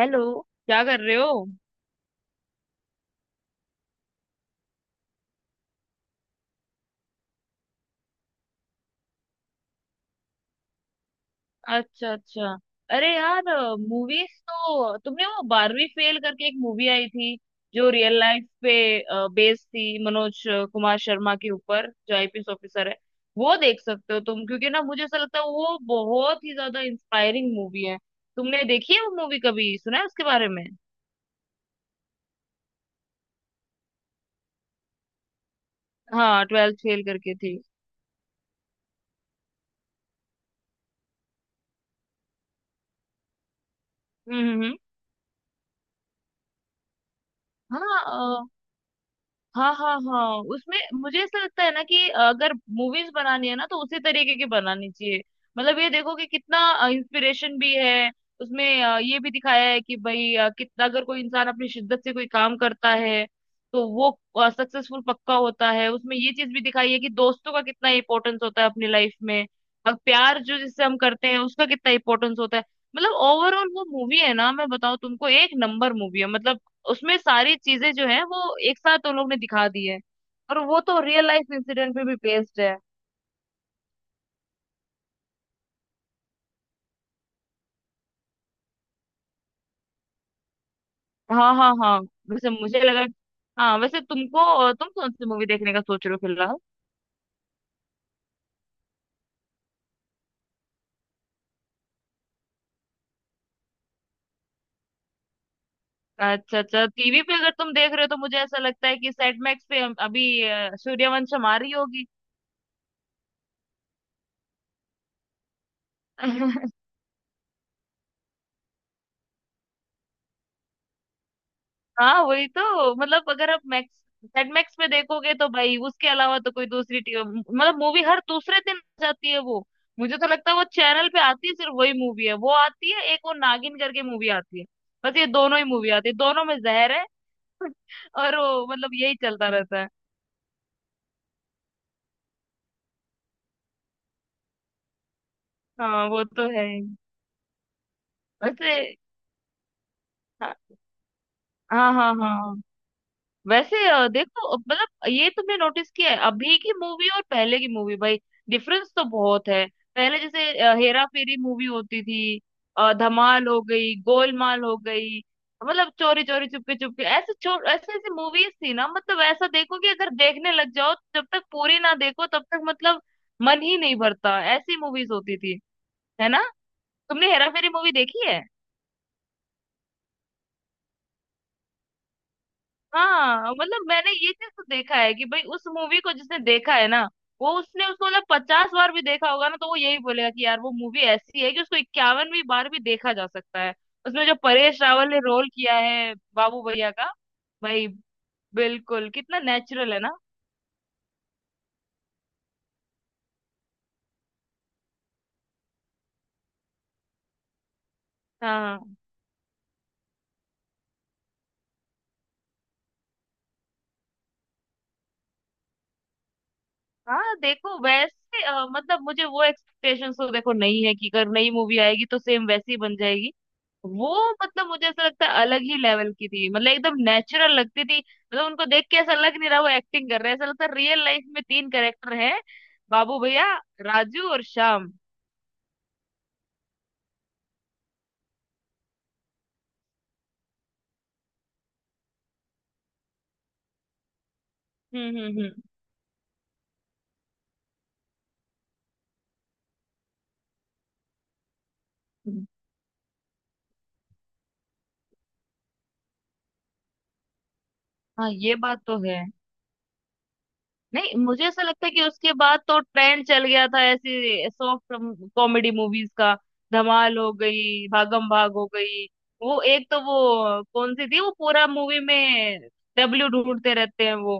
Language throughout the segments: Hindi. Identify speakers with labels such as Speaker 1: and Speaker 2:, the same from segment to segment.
Speaker 1: हेलो। क्या कर रहे हो? अच्छा, अच्छा। अरे यार। मूवीज तो तुमने वो 12वीं फेल करके एक मूवी आई थी जो रियल लाइफ पे बेस्ड थी, मनोज कुमार शर्मा के ऊपर जो आईपीएस ऑफिसर है। वो देख सकते हो तुम, क्योंकि ना मुझे ऐसा लगता है वो बहुत ही ज्यादा इंस्पायरिंग मूवी है। तुमने देखी है वो मूवी? कभी सुना है उसके बारे में? हाँ, ट्वेल्थ फेल करके थी। हम्म, हम्म, हाँ, हाँ, हाँ। हाँ, उसमें मुझे ऐसा लगता है ना कि अगर मूवीज बनानी है ना तो उसी तरीके की बनानी चाहिए। मतलब ये देखो कि कितना इंस्पिरेशन भी है उसमें। ये भी दिखाया है कि भाई, कितना अगर कोई इंसान अपनी शिद्दत से कोई काम करता है तो वो सक्सेसफुल पक्का होता है। उसमें ये चीज भी दिखाई है कि दोस्तों का कितना इंपॉर्टेंस होता है अपनी लाइफ में, और प्यार जो जिससे हम करते हैं उसका कितना इंपॉर्टेंस होता है। मतलब ओवरऑल वो मूवी है ना, मैं बताऊं तुमको, एक नंबर मूवी है। मतलब उसमें सारी चीजें जो है वो एक साथ उन लोग ने दिखा दी है, और वो तो रियल लाइफ इंसिडेंट पे भी बेस्ड है। हाँ, हाँ, हाँ। वैसे मुझे लगा, हाँ। वैसे तुम कौन सी मूवी देखने का सोच रहे हो फिलहाल? अच्छा, अच्छा। टीवी पे अगर तुम देख रहे हो तो मुझे ऐसा लगता है कि सेट मैक्स पे अभी सूर्यवंशम आ रही होगी। हाँ, वही तो। मतलब अगर आप मैक्स सेट मैक्स पे देखोगे तो भाई उसके अलावा तो कोई दूसरी मतलब मूवी हर दूसरे दिन आ जाती है वो। मुझे तो लगता है वो चैनल पे आती है, सिर्फ वही मूवी है वो आती है, एक वो नागिन करके मूवी आती है। बस ये दोनों ही मूवी आती है, दोनों में जहर है। और वो, मतलब यही चलता रहता है। हाँ, वो तो है ही। वैसे, हाँ, हाँ, हाँ। हाँ वैसे, देखो, मतलब ये तुमने नोटिस किया है अभी की मूवी और पहले की मूवी, भाई डिफरेंस तो बहुत है। पहले जैसे हेरा फेरी मूवी होती थी, धमाल हो गई, गोलमाल हो गई, मतलब चोरी चोरी चुपके चुपके, ऐसे छो ऐसे ऐसे मूवीज थी ना। मतलब ऐसा देखो कि अगर देखने लग जाओ तो जब तक पूरी ना देखो तब तक, मतलब मन ही नहीं भरता, ऐसी मूवीज होती थी। है ना? तुमने हेरा फेरी मूवी देखी है? हाँ, मतलब मैंने ये चीज तो देखा है कि भाई उस मूवी को जिसने देखा है ना, वो उसने उसको मतलब 50 बार भी देखा होगा, ना तो वो यही बोलेगा कि यार वो मूवी ऐसी है कि उसको 51वीं बार भी देखा जा सकता है। उसमें जो परेश रावल ने रोल किया है बाबू भैया का, भाई बिल्कुल कितना नेचुरल है ना। हाँ, हाँ, देखो वैसे, मतलब मुझे वो एक्सपेक्टेशंस तो देखो नहीं है कि अगर नई मूवी आएगी तो सेम वैसी बन जाएगी। वो, मतलब मुझे ऐसा लगता है अलग ही लेवल की थी, मतलब एकदम नेचुरल लगती थी, मतलब उनको देख के ऐसा लग नहीं रहा वो एक्टिंग कर रहे हैं, ऐसा लगता है रियल लाइफ में 3 कैरेक्टर हैं, बाबू भैया, राजू और श्याम। हम्म, हम्म, हम्म। हाँ ये बात तो है। नहीं, मुझे ऐसा लगता है कि उसके बाद तो ट्रेंड चल गया था ऐसी सॉफ्ट कॉमेडी मूवीज का। धमाल हो गई, भागम भाग हो गई, वो एक तो वो कौन सी थी, वो पूरा मूवी में डब्ल्यू ढूंढते रहते हैं,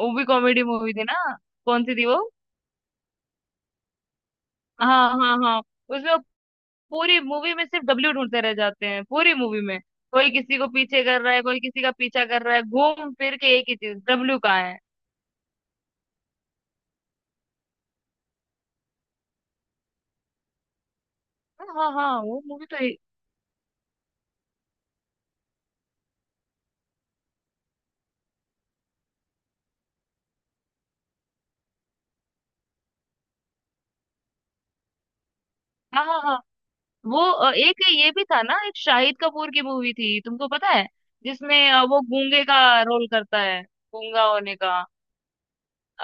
Speaker 1: वो भी कॉमेडी मूवी थी ना? कौन सी थी वो? हाँ, हाँ, हाँ। उसमें वो पूरी मूवी में सिर्फ डब्ल्यू ढूंढते रह जाते हैं, पूरी मूवी में कोई किसी को पीछे कर रहा है, कोई किसी का पीछा कर रहा है, घूम फिर के एक ही चीज, डब्ल्यू कहाँ है। हाँ, हाँ, वो मूवी तो है- हाँ, हाँ, हाँ। वो एक ये भी था ना, एक शाहिद कपूर की मूवी थी, तुमको पता है? जिसमें वो गूंगे का रोल करता है, गूंगा होने का।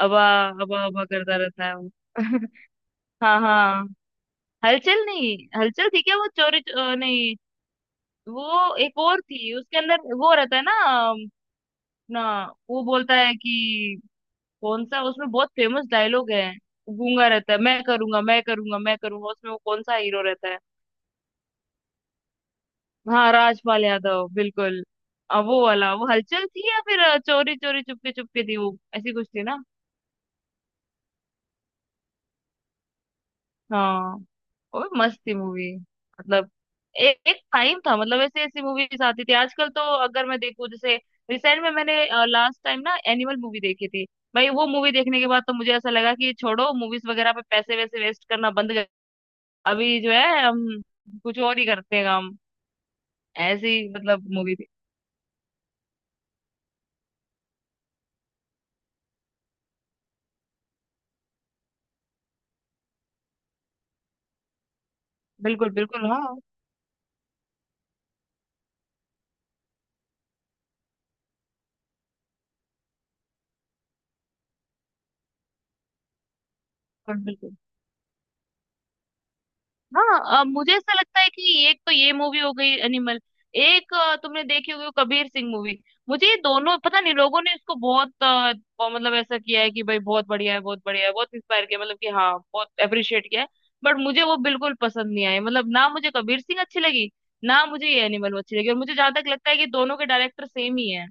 Speaker 1: अबा अबा अबा करता रहता है वो। हाँ, हाँ। हलचल नहीं, हलचल थी क्या वो? चोरी, नहीं। वो एक और थी उसके अंदर वो रहता है ना। अम, ना वो बोलता है कि, कौन सा उसमें बहुत फेमस डायलॉग है, गूंगा रहता है, मैं करूंगा, मैं करूंगा, मैं करूंगा। उसमें वो कौन सा हीरो रहता है? हाँ, राजपाल यादव, बिल्कुल। वो वाला, वो हलचल थी, या फिर चोरी चोरी चुपके चुपके थी वो, ऐसी कुछ थी ना। हाँ। और मस्त थी मूवी। मतलब एक टाइम था, मतलब ऐसे, ऐसी मूवीज आती थी। आजकल तो अगर मैं देखूं, जैसे रिसेंट में मैंने लास्ट टाइम ना एनिमल मूवी देखी थी, भाई वो मूवी देखने के बाद तो मुझे ऐसा लगा कि छोड़ो मूवीज वगैरह पे पैसे वैसे वेस्ट करना बंद कर, अभी जो है हम कुछ और ही करते हैं काम। ऐसी, मतलब, मूवी थी। बिल्कुल, बिल्कुल, हाँ। बिल्कुल, बिल्कुल, हाँ। मुझे ऐसा लगता है कि एक तो ये मूवी हो गई एनिमल, एक तुमने देखी होगी वो कबीर सिंह मूवी। मुझे ये दोनों, पता नहीं लोगों ने इसको बहुत मतलब ऐसा किया है कि भाई बहुत बढ़िया है, बहुत बढ़िया है, बहुत इंस्पायर किया, मतलब कि हाँ, बहुत अप्रिशिएट किया है। बट मुझे वो बिल्कुल पसंद नहीं आई, मतलब ना मुझे कबीर सिंह अच्छी लगी, ना मुझे ये एनिमल अच्छी लगी, और मुझे जहां तक लगता है कि दोनों के डायरेक्टर सेम ही है।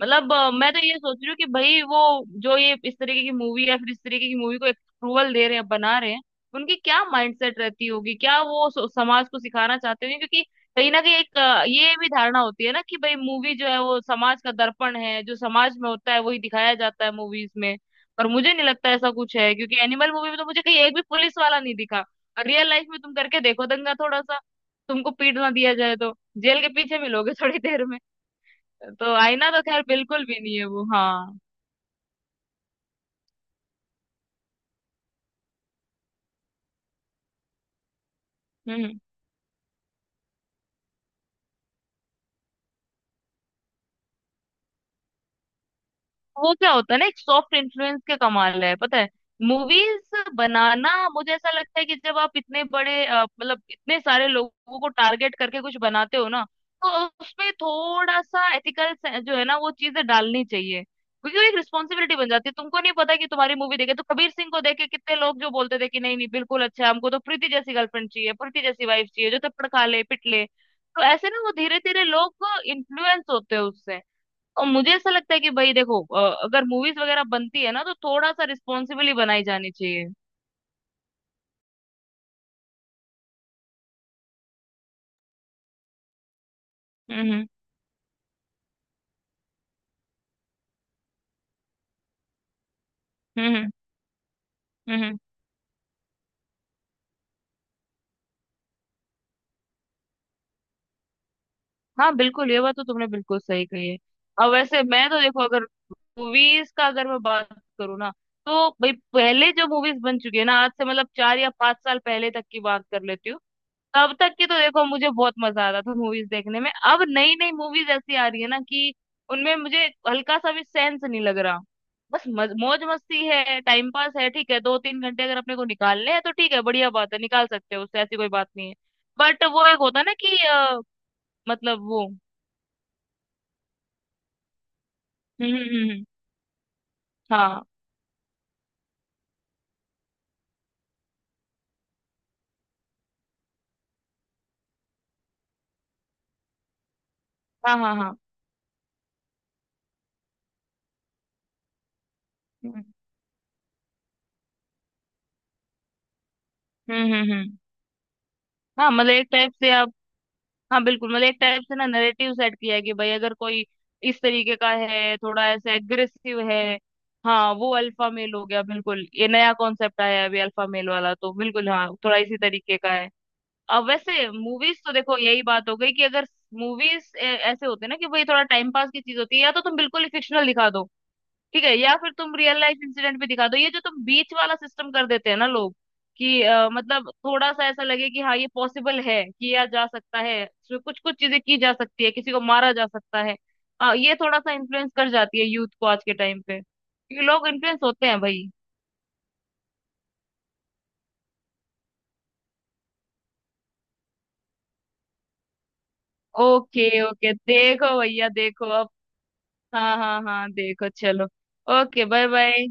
Speaker 1: मतलब मैं तो ये सोच रही हूँ कि भाई वो जो ये इस तरीके की मूवी, या फिर इस तरीके की मूवी को अप्रूवल दे रहे हैं, बना रहे हैं, उनकी क्या माइंडसेट रहती होगी, क्या वो समाज को सिखाना चाहते होंगे? क्योंकि कहीं ना कहीं एक ये भी धारणा होती है ना कि भाई मूवी जो है वो समाज का दर्पण है, जो समाज में होता है वही दिखाया जाता है मूवीज में। पर मुझे नहीं लगता ऐसा कुछ है, क्योंकि एनिमल मूवी में तो मुझे कहीं एक भी पुलिस वाला नहीं दिखा। और रियल लाइफ में तुम करके देखो दंगा थोड़ा सा, तुमको पीट ना दिया जाए तो, जेल के पीछे मिलोगे थोड़ी देर में। तो आईना तो खैर बिल्कुल भी नहीं है वो। हाँ। हम्म। वो क्या होता है ना, एक सॉफ्ट इन्फ्लुएंस के कमाल है, पता है? मूवीज बनाना, मुझे ऐसा लगता है कि जब आप इतने बड़े, मतलब इतने सारे लोगों को टारगेट करके कुछ बनाते हो ना, तो उसमें थोड़ा सा एथिकल जो है ना वो चीजें डालनी चाहिए। क्योंकि वो एक रिस्पॉन्सिबिलिटी बन जाती है, तुमको नहीं पता कि तुम्हारी मूवी देखे, तो कबीर सिंह को देखे कितने लोग जो बोलते थे कि नहीं, नहीं, बिल्कुल अच्छा है, हमको तो प्रीति जैसी गर्लफ्रेंड चाहिए, प्रीति जैसी वाइफ चाहिए, जो थप्पड़ खा ले, पिट ले। तो ऐसे ना वो धीरे धीरे लोग इन्फ्लुएंस होते हैं उससे। और मुझे ऐसा लगता है कि भाई देखो, अगर मूवीज वगैरह बनती है ना तो थोड़ा सा रिस्पॉन्सिबली बनाई जानी चाहिए। हम्म, हम्म, हम्म, हम्म, हाँ बिल्कुल, ये बात तो तुमने बिल्कुल सही कही है। और वैसे मैं तो देखो, अगर मूवीज का अगर मैं बात करूँ ना, तो भाई पहले जो मूवीज बन चुकी है ना, आज से मतलब 4 या 5 साल पहले तक की बात कर लेती हूँ। तब तक की तो देखो मुझे बहुत मजा आता था मूवीज देखने में, अब नई नई मूवीज ऐसी आ रही है ना कि उनमें मुझे हल्का सा भी सेंस नहीं लग रहा। बस मौज मस्ती है, टाइम पास है, ठीक है, 2-3 घंटे अगर अपने को निकालने हैं तो ठीक है, बढ़िया बात है, निकाल सकते हो, उससे ऐसी कोई बात नहीं है। बट वो एक होता है ना कि, मतलब वो। हम्म, हम्म, हाँ, हाँ, हाँ, हाँ, हम्म, हम्म, हम्म, हाँ मतलब एक टाइप से, हाँ बिल्कुल, मतलब एक टाइप से ना नैरेटिव सेट किया है कि भाई अगर कोई इस तरीके का है, थोड़ा ऐसा एग्रेसिव है। हाँ, वो अल्फा मेल हो गया, बिल्कुल, ये नया कॉन्सेप्ट आया है अभी अल्फा मेल वाला, तो बिल्कुल हाँ थोड़ा इसी तरीके का है। अब वैसे मूवीज तो देखो यही बात हो गई कि अगर मूवीज ऐसे होते हैं ना कि भाई थोड़ा टाइम पास की चीज होती है, या तो तुम बिल्कुल ही फिक्शनल दिखा दो ठीक है, या फिर तुम रियल लाइफ इंसिडेंट भी दिखा दो, ये जो तुम बीच वाला सिस्टम कर देते हैं ना लोग कि मतलब थोड़ा सा ऐसा लगे कि हाँ ये पॉसिबल है, किया जा सकता है, कुछ कुछ चीजें की जा सकती है, किसी को मारा जा सकता है, ये थोड़ा सा इन्फ्लुएंस कर जाती है यूथ को आज के टाइम पे, क्योंकि लोग इन्फ्लुएंस होते हैं भाई। ओके, ओके, देखो भैया देखो अब, हाँ, हाँ, हाँ, देखो चलो। Okay, bye bye.